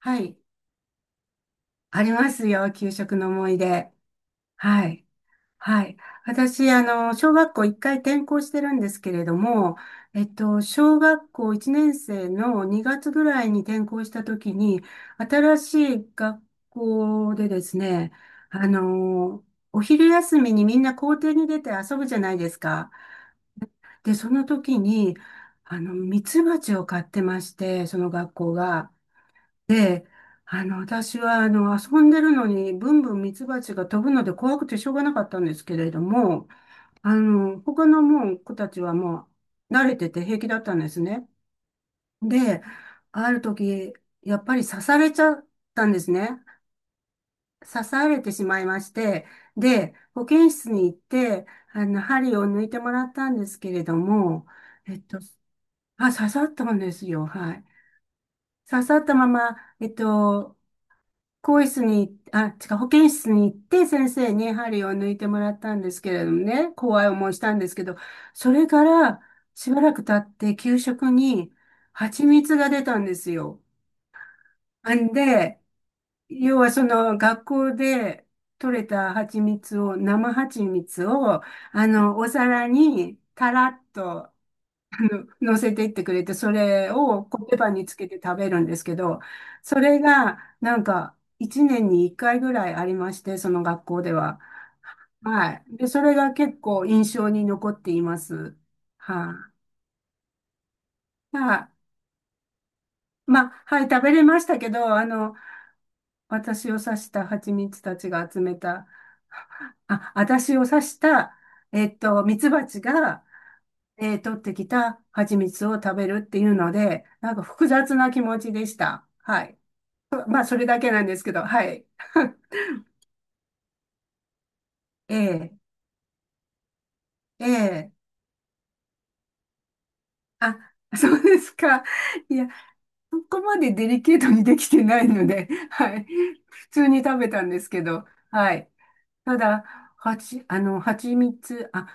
はい。ありますよ。給食の思い出。はい。はい。私、小学校一回転校してるんですけれども、小学校1年生の2月ぐらいに転校した時に、新しい学校でですね、あの、お昼休みにみんな校庭に出て遊ぶじゃないですか。で、その時に、ミツバチを飼ってまして、その学校が。で、私は、遊んでるのに、ブンブンミツバチが飛ぶので怖くてしょうがなかったんですけれども、他のもう子たちはもう慣れてて平気だったんですね。で、ある時、やっぱり刺されちゃったんですね。刺されてしまいまして、で、保健室に行って、針を抜いてもらったんですけれども、えっと、あ、刺さったんですよ。はい。刺さったまま、更衣室に、あ、違う、保健室に行って先生に針を抜いてもらったんですけれどもね、怖い思いしたんですけど、それからしばらく経って給食に蜂蜜が出たんですよ。んで、要はその学校で取れた蜂蜜を、生蜂蜜を、お皿にたらっと乗せていってくれて、それをコッペパンにつけて食べるんですけど、それがなんか1年に1回ぐらいありまして、その学校では。はい。で、それが結構印象に残っています。はい。はい。まあ、はい、食べれましたけど、私を刺した蜂蜜たちが集めた、あ、私を刺した、蜜蜂が、取ってきた蜂蜜を食べるっていうので、なんか複雑な気持ちでした。はい。まあ、それだけなんですけど、はい。ええ、ええ。あ、そうですか。いや、そこまでデリケートにできてないので、はい。普通に食べたんですけど、はい。ただ、はち、蜂蜜、あ、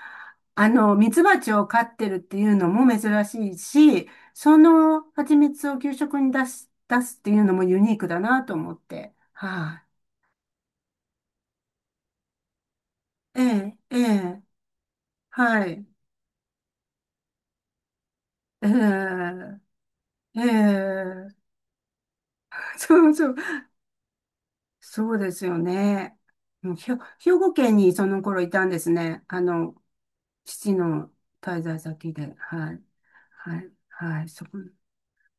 蜜蜂を飼ってるっていうのも珍しいし、その蜂蜜を給食に出す、出すっていうのもユニークだなと思って。はい、ええ、ええ、はい。ええ、ええ。そうそう。そうですよね。うんひょ、兵庫県にその頃いたんですね。父の滞在先で。はい。はい。はい。そこ。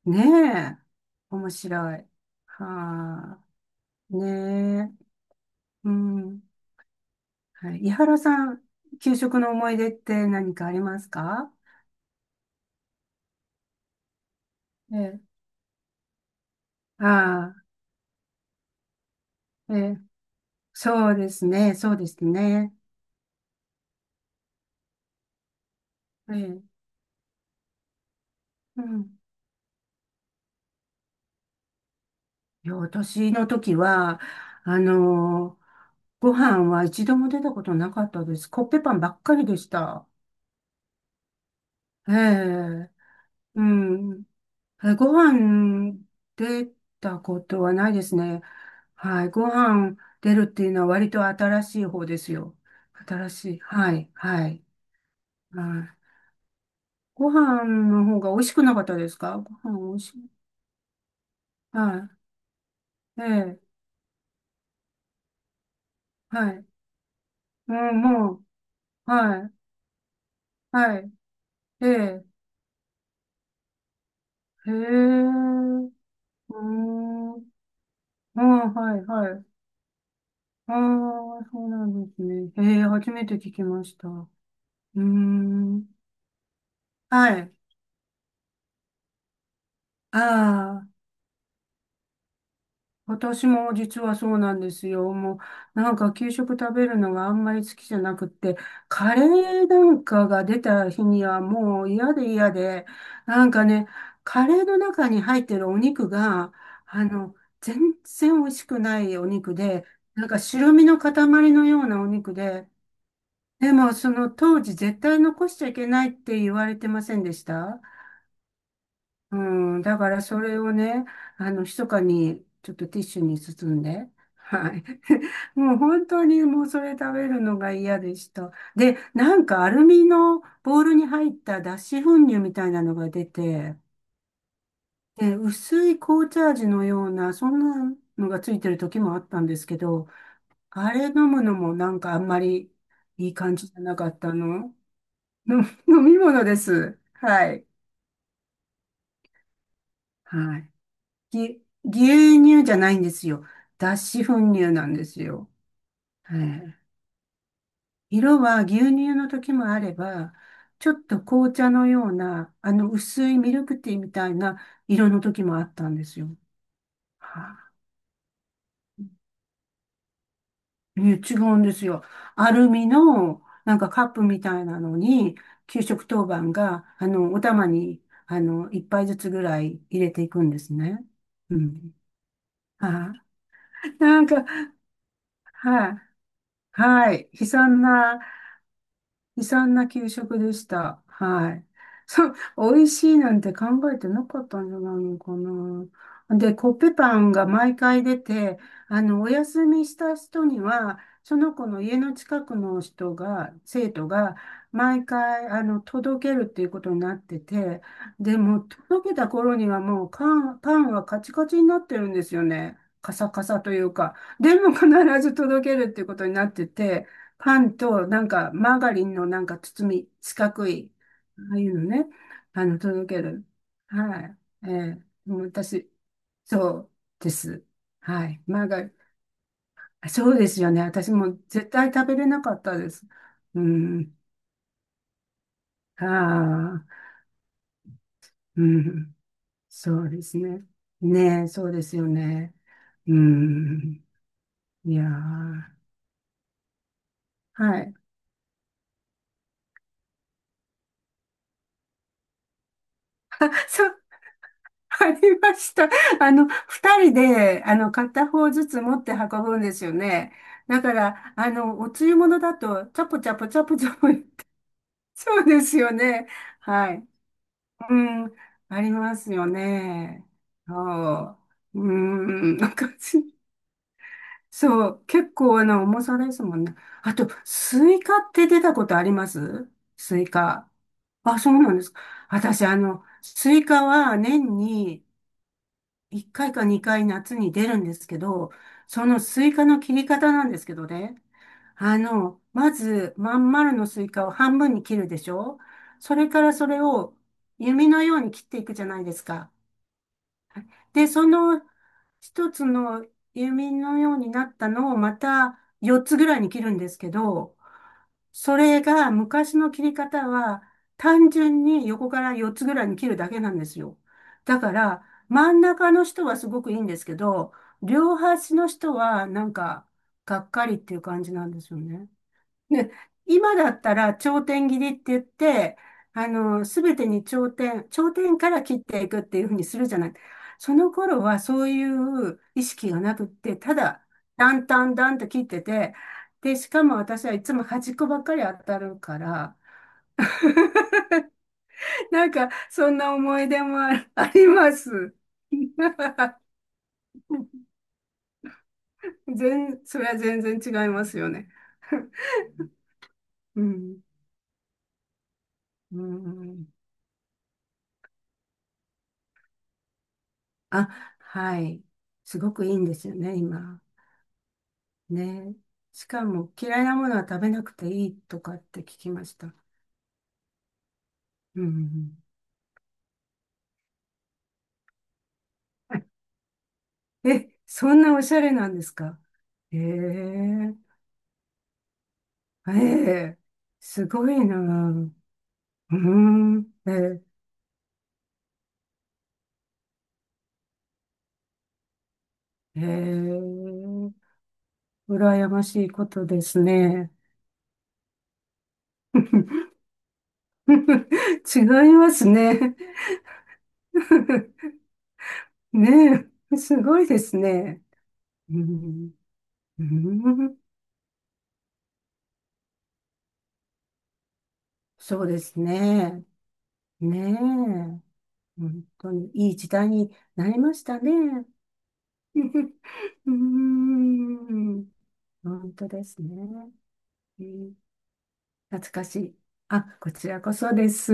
ねえ。面白い。はあ。ねえ。うん。はい。井原さん、給食の思い出って何かありますか？ええ。ああ。ええ。そうですね。そうですね。ええ。うん。いや、私の時は、あのーご飯は一度も出たことなかったです。コッペパンばっかりでした。ええ、うん。えご飯出たことはないですね。はい。ご飯出るっていうのは割と新しい方ですよ。新しい。はい。はい。はい。ご飯の方が美味しくなかったですか？ご飯美味しい。はい。ええ、はい。うん、もう、はい。はい。ええ、へえ、うーん。ああ、はい、はい。ああ、そうなんですね。へえ、初めて聞きました。うーん。はい。ああ。私も実はそうなんですよ。もう、なんか給食食べるのがあんまり好きじゃなくって、カレーなんかが出た日にはもう嫌で嫌で、なんかね、カレーの中に入ってるお肉が、あの、全然美味しくないお肉で、なんか白身の塊のようなお肉で、でもその当時絶対残しちゃいけないって言われてませんでした？うん、だからそれをね、密かにちょっとティッシュに包んで、はい。もう本当にもうそれ食べるのが嫌でした。で、なんかアルミのボウルに入った脱脂粉乳みたいなのが出て、で、薄い紅茶味のような、そんなのがついてる時もあったんですけど、あれ飲むのもなんかあんまりいい感じじゃなかったの。の飲み物です。はい。はい。ぎ、牛乳じゃないんですよ。脱脂粉乳なんですよ。はい。色は牛乳の時もあれば、ちょっと紅茶のような、あの薄いミルクティーみたいな色の時もあったんですよ。はい、いや違うんですよ。アルミのなんかカップみたいなのに、給食当番が、お玉に、一杯ずつぐらい入れていくんですね。うん。はい、なんか、はい。はい。悲惨な悲惨な給食でした。はい。そう、美味しいなんて考えてなかったんじゃないのかな。で、コッペパンが毎回出て、お休みした人には、その子の家の近くの人が、生徒が、毎回、届けるっていうことになってて、でも、届けた頃にはもう、パン、パンはカチカチになってるんですよね。カサカサというか。でも必ず届けるっていうことになってて、パンと、なんか、マーガリンのなんか包み、四角い、ああいうのね、届ける。はい。ええ、もう私、そうです。はい。マーガリン。あ、そうですよね。私も絶対食べれなかったです。うん。ああ、うん。そうですね。ねえ、そうですよね。うん。いやー。はい。そうありました。二人で、片方ずつ持って運ぶんですよね。だから、おつゆものだと、チャポチャポチャポチャポ、そうですよね。はい。うん、ありますよね。そう。うん、なんか、そう、結構、重さですもんね。あと、スイカって出たことあります？スイカ。あ、そうなんですか。私、スイカは年に、1回か2回夏に出るんですけど、そのスイカの切り方なんですけどね。まず、まん丸のスイカを半分に切るでしょ？それからそれを弓のように切っていくじゃないですか。で、その一つの弓のようになったのをまた4つぐらいに切るんですけど、それが昔の切り方は単純に横から4つぐらいに切るだけなんですよ。だから真ん中の人はすごくいいんですけど、両端の人はなんかがっかりっていう感じなんですよね。ね、今だったら頂点切りって言って、すべてに頂点、頂点から切っていくっていうふうにするじゃない。その頃はそういう意識がなくって、ただ、だんだんだんと切ってて、で、しかも私はいつも端っこばっかり当たるから、なんか、そんな思い出もああります。全、それは全然違いますよね。うん。うん。あ、はい。すごくいいんですよね、今。ね。しかも嫌いなものは食べなくていいとかって聞きました。うん。え、そんなおしゃれなんですか？ええ、ええ、すごいなぁ。うん。ええ、ええ、羨ましいことですね。違いますね。ねえ、すごいですね。うん、うん、そうですね。ねえ。本当にいい時代になりましたね。うーん、本当ですね。えー懐かしい。あ、こちらこそです。